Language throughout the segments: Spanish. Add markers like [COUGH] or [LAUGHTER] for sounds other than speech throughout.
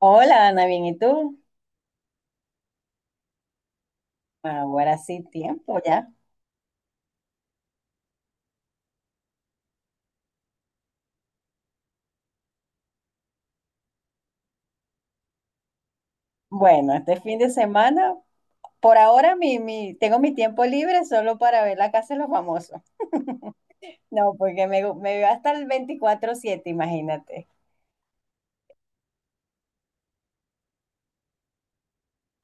Hola, Ana, bien, ¿y tú? Ahora sí, tiempo ya. Bueno, este fin de semana, por ahora mi, tengo mi tiempo libre solo para ver la casa de los famosos. No, porque me veo hasta el veinticuatro siete, imagínate.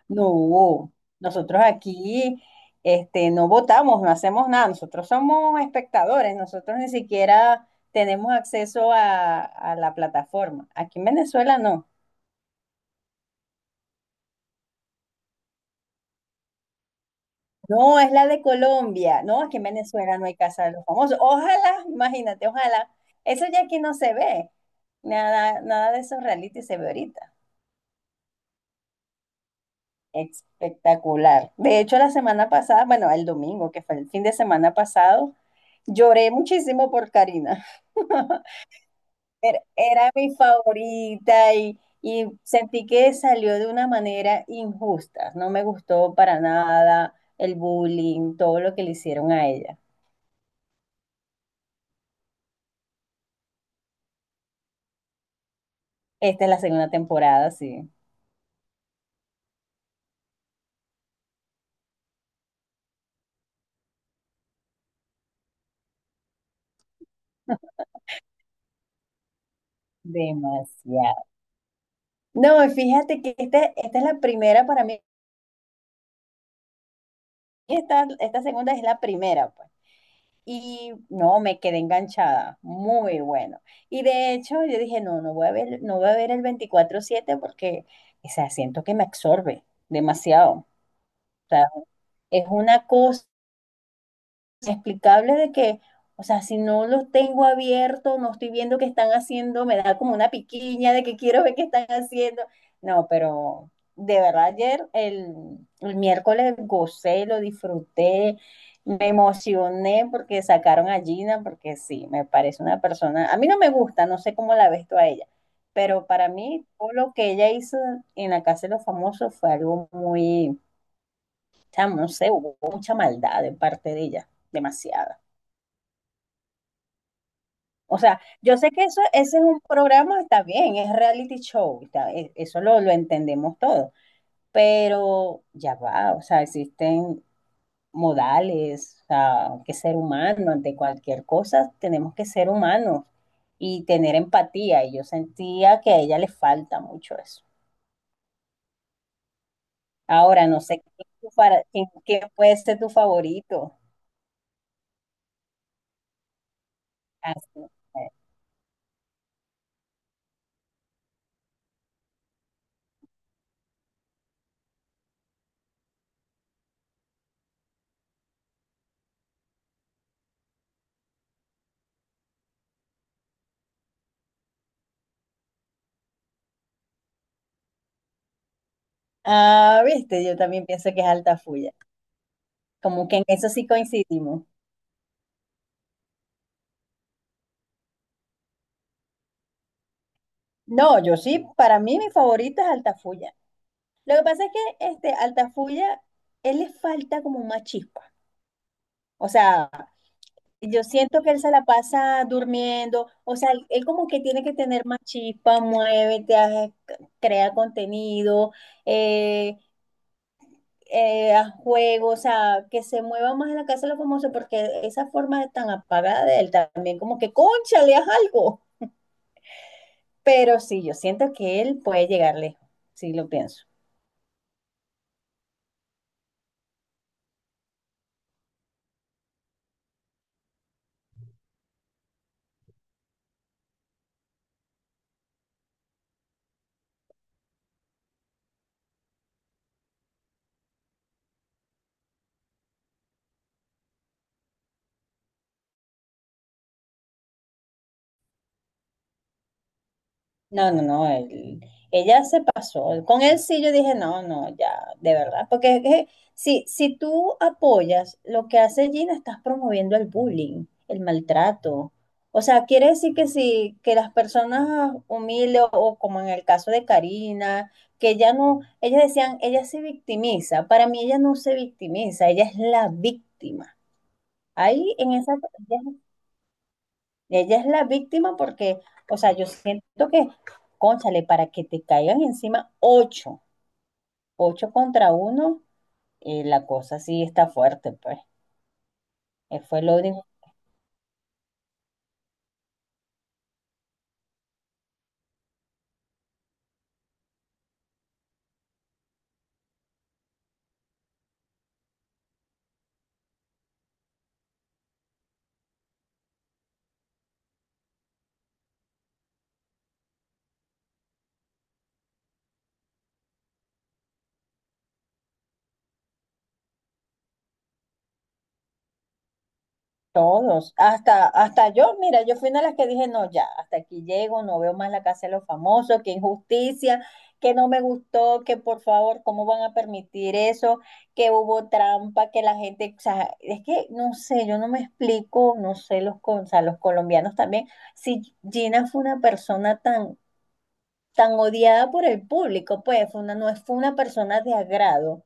No, nosotros aquí este, no votamos, no hacemos nada, nosotros somos espectadores, nosotros ni siquiera tenemos acceso a la plataforma. Aquí en Venezuela no. No, es la de Colombia. No, es que en Venezuela no hay casa de los famosos. Ojalá, imagínate, ojalá. Eso ya aquí no se ve. Nada, nada de esos reality se ve ahorita. Espectacular. De hecho, la semana pasada, bueno, el domingo, que fue el fin de semana pasado, lloré muchísimo por Karina. [LAUGHS] Era mi favorita y sentí que salió de una manera injusta. No me gustó para nada el bullying, todo lo que le hicieron a ella. Esta es la segunda temporada, sí. Demasiado. No, fíjate que esta es la primera para mí. Esta segunda es la primera, pues. Y no, me quedé enganchada. Muy bueno. Y de hecho, yo dije, no, no voy a ver el veinticuatro siete, porque, o sea, siento que me absorbe demasiado. O sea, es una cosa inexplicable de que, o sea, si no los tengo abiertos, no estoy viendo qué están haciendo, me da como una piquiña de que quiero ver qué están haciendo. No, pero de verdad ayer, el miércoles, gocé, lo disfruté, me emocioné porque sacaron a Gina, porque sí, me parece una persona, a mí no me gusta, no sé cómo la ves tú a ella, pero para mí todo lo que ella hizo en la Casa de los Famosos fue algo muy, o sea, no sé, hubo mucha maldad de parte de ella, demasiada. O sea, yo sé que eso, ese es un programa, está bien, es reality show, eso lo entendemos todo, pero ya va, o sea, existen modales, o sea, hay que ser humano, ante cualquier cosa tenemos que ser humanos y tener empatía, y yo sentía que a ella le falta mucho eso. Ahora, no sé quién es tu qué puede ser tu favorito. Así, eh. Ah, viste, yo también pienso que es Altafulla, como que en eso sí coincidimos. No, yo sí, para mí mi favorita es Altafulla. Lo que pasa es que este Altafulla, él le falta como más chispa. O sea, yo siento que él se la pasa durmiendo. O sea, él como que tiene que tener más chispa, muévete, crea contenido, eh, haz juegos, o sea, que se mueva más en la casa de los famosos, porque esa forma tan apagada de él también, como que, concha, le haz algo. Pero sí, yo siento que él puede llegar lejos, sí lo pienso. No, no, no, él- ella se pasó. Con él sí yo dije, no, no, ya, de verdad. Porque es que si tú apoyas lo que hace Gina, estás promoviendo el bullying, el maltrato. O sea, quiere decir que si que las personas humildes o como en el caso de Karina, que ya no, ellas decían, ella se victimiza. Para mí ella no se victimiza, ella es la víctima. Ahí en esa, es ella es la víctima porque, o sea, yo siento que, cónchale, para que te caigan encima ocho, ocho contra uno, la cosa sí está fuerte, pues. Fue lo único. Todos, hasta yo, mira, yo fui una de las que dije, no, ya, hasta aquí llego, no veo más la casa de los famosos, qué injusticia, que no me gustó, que por favor, ¿cómo van a permitir eso? Que hubo trampa, que la gente, o sea, es que no sé, yo no me explico, no sé, los, con- o sea, los colombianos también, si Gina fue una persona tan, tan odiada por el público, pues fue una, no fue una persona de agrado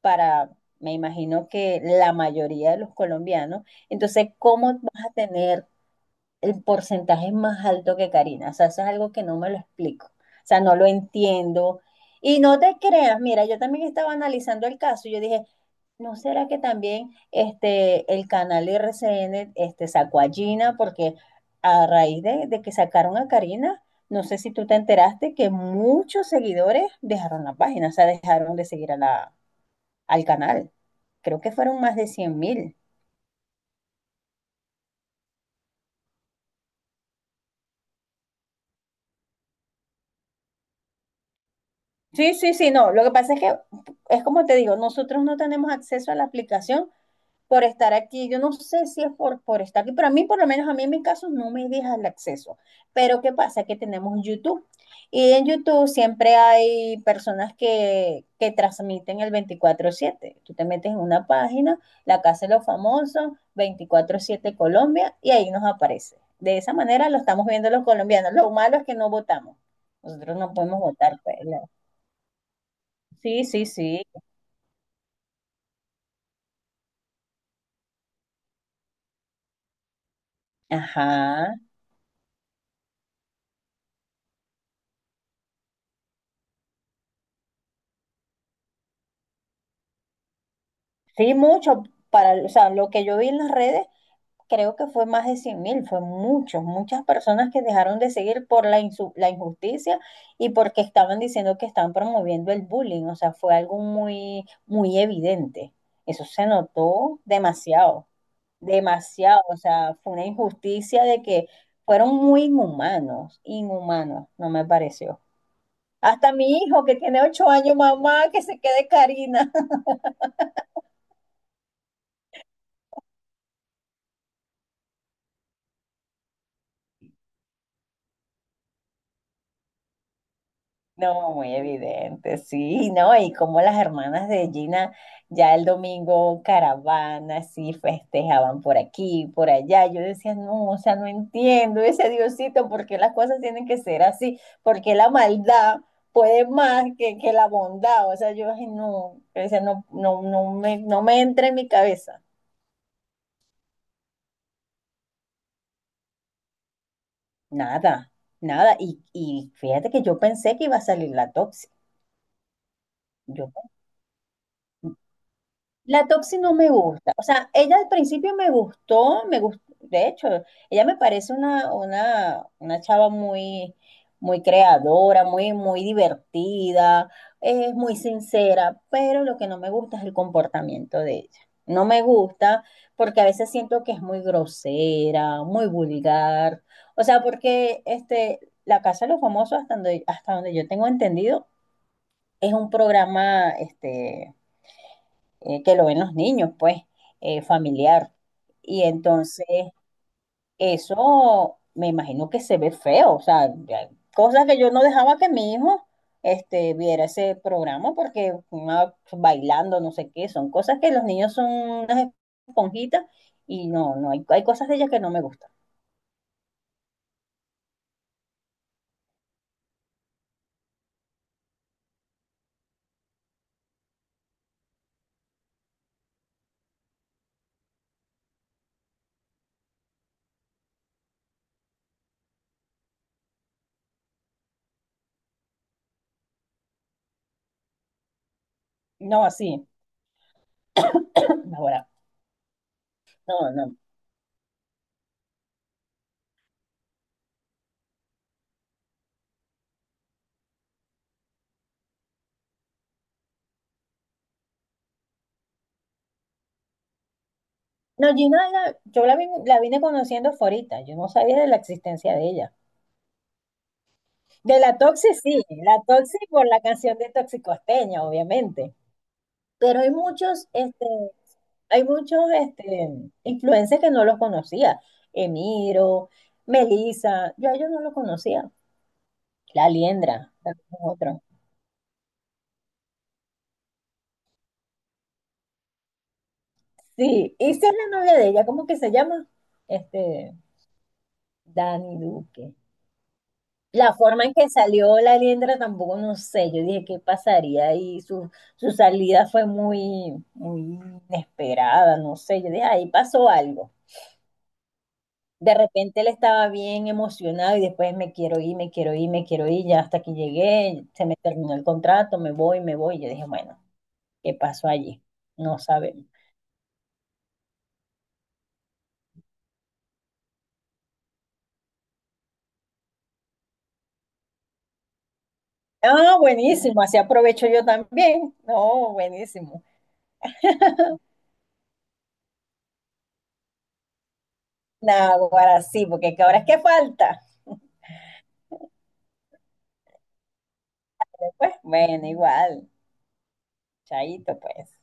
para, me imagino que la mayoría de los colombianos. Entonces, ¿cómo vas a tener el porcentaje más alto que Karina? O sea, eso es algo que no me lo explico. O sea, no lo entiendo. Y no te creas, mira, yo también estaba analizando el caso y yo dije, ¿no será que también este, el canal RCN este, sacó a Gina? Porque a raíz de que sacaron a Karina, no sé si tú te enteraste que muchos seguidores dejaron la página, o sea, dejaron de seguir a al canal. Creo que fueron más de 100 mil. Sí, sí, sí, no. Lo que pasa es que es como te digo, nosotros no tenemos acceso a la aplicación por estar aquí. Yo no sé si es por estar aquí, pero a mí, por lo menos a mí en mi caso, no me deja el acceso. Pero ¿qué pasa? Que tenemos YouTube. Y en YouTube siempre hay personas que transmiten el veinticuatro siete. Tú te metes en una página, La Casa de los Famosos, veinticuatro siete Colombia, y ahí nos aparece. De esa manera lo estamos viendo los colombianos. Lo malo es que no votamos. Nosotros no podemos votar, pues, no. Sí, sí, sí. Ajá. Sí, mucho. Para, o sea, lo que yo vi en las redes creo que fue más de 100 mil, fue muchos, muchas personas que dejaron de seguir por la, insu- la injusticia y porque estaban diciendo que estaban promoviendo el bullying, o sea, fue algo muy, muy evidente. Eso se notó demasiado, demasiado, o sea, fue una injusticia de que fueron muy inhumanos, inhumanos, no me pareció. Hasta mi hijo que tiene ocho años, mamá, que se quede Karina. No, muy evidente, sí, ¿no? Y como las hermanas de Gina ya el domingo caravana, sí, festejaban por aquí, por allá. Yo decía, no, o sea, no entiendo ese Diosito, ¿por qué las cosas tienen que ser así? ¿Por qué la maldad puede más que la bondad? O sea, yo, ay, no, yo decía, no, no, no me, no me entra en mi cabeza. Nada, nada. Y fíjate que yo pensé que iba a salir la tóxica. Yo la Toxi no me gusta. O sea, ella al principio me gustó, de hecho, ella me parece una chava muy, muy creadora, muy, muy divertida, es muy sincera, pero lo que no me gusta es el comportamiento de ella. No me gusta porque a veces siento que es muy grosera, muy vulgar. O sea, porque este, La Casa de los Famosos, hasta donde yo tengo entendido, es un programa, este, que lo ven los niños, pues, familiar. Y entonces eso me imagino que se ve feo, o sea, ya- cosa que yo no dejaba que mi hijo este, viera ese programa porque una- bailando, no sé qué, son cosas que los niños son unas esponjitas y no, no, hay cosas de ellas que no me gustan. No, así, [LAUGHS] [CLEARS THROAT] ahora, no, no. No, Gina, era- yo la vine conociendo fue ahorita, yo no sabía de la existencia de ella. De la Toxi sí, la Toxi por la canción de Toxicosteña, obviamente. Pero hay muchos, este, influencers que no los conocía. Emiro, Melissa, yo a ellos no los conocía. La Liendra, también es otro. Sí, y esa es la novia de ella, ¿cómo que se llama? Este, Dani Duque. La forma en que salió la Liendra tampoco, no sé, yo dije qué pasaría y su salida fue muy, muy inesperada, no sé, yo dije ahí pasó algo. De repente él estaba bien emocionado y después me quiero ir, me quiero ir, me quiero ir, ya hasta que llegué, se me terminó el contrato, me voy, yo dije, bueno, ¿qué pasó allí? No sabemos. Ah, buenísimo, así aprovecho yo también. No, buenísimo. No, ahora sí, porque ahora es que falta. Pues bueno, igual, chaito pues.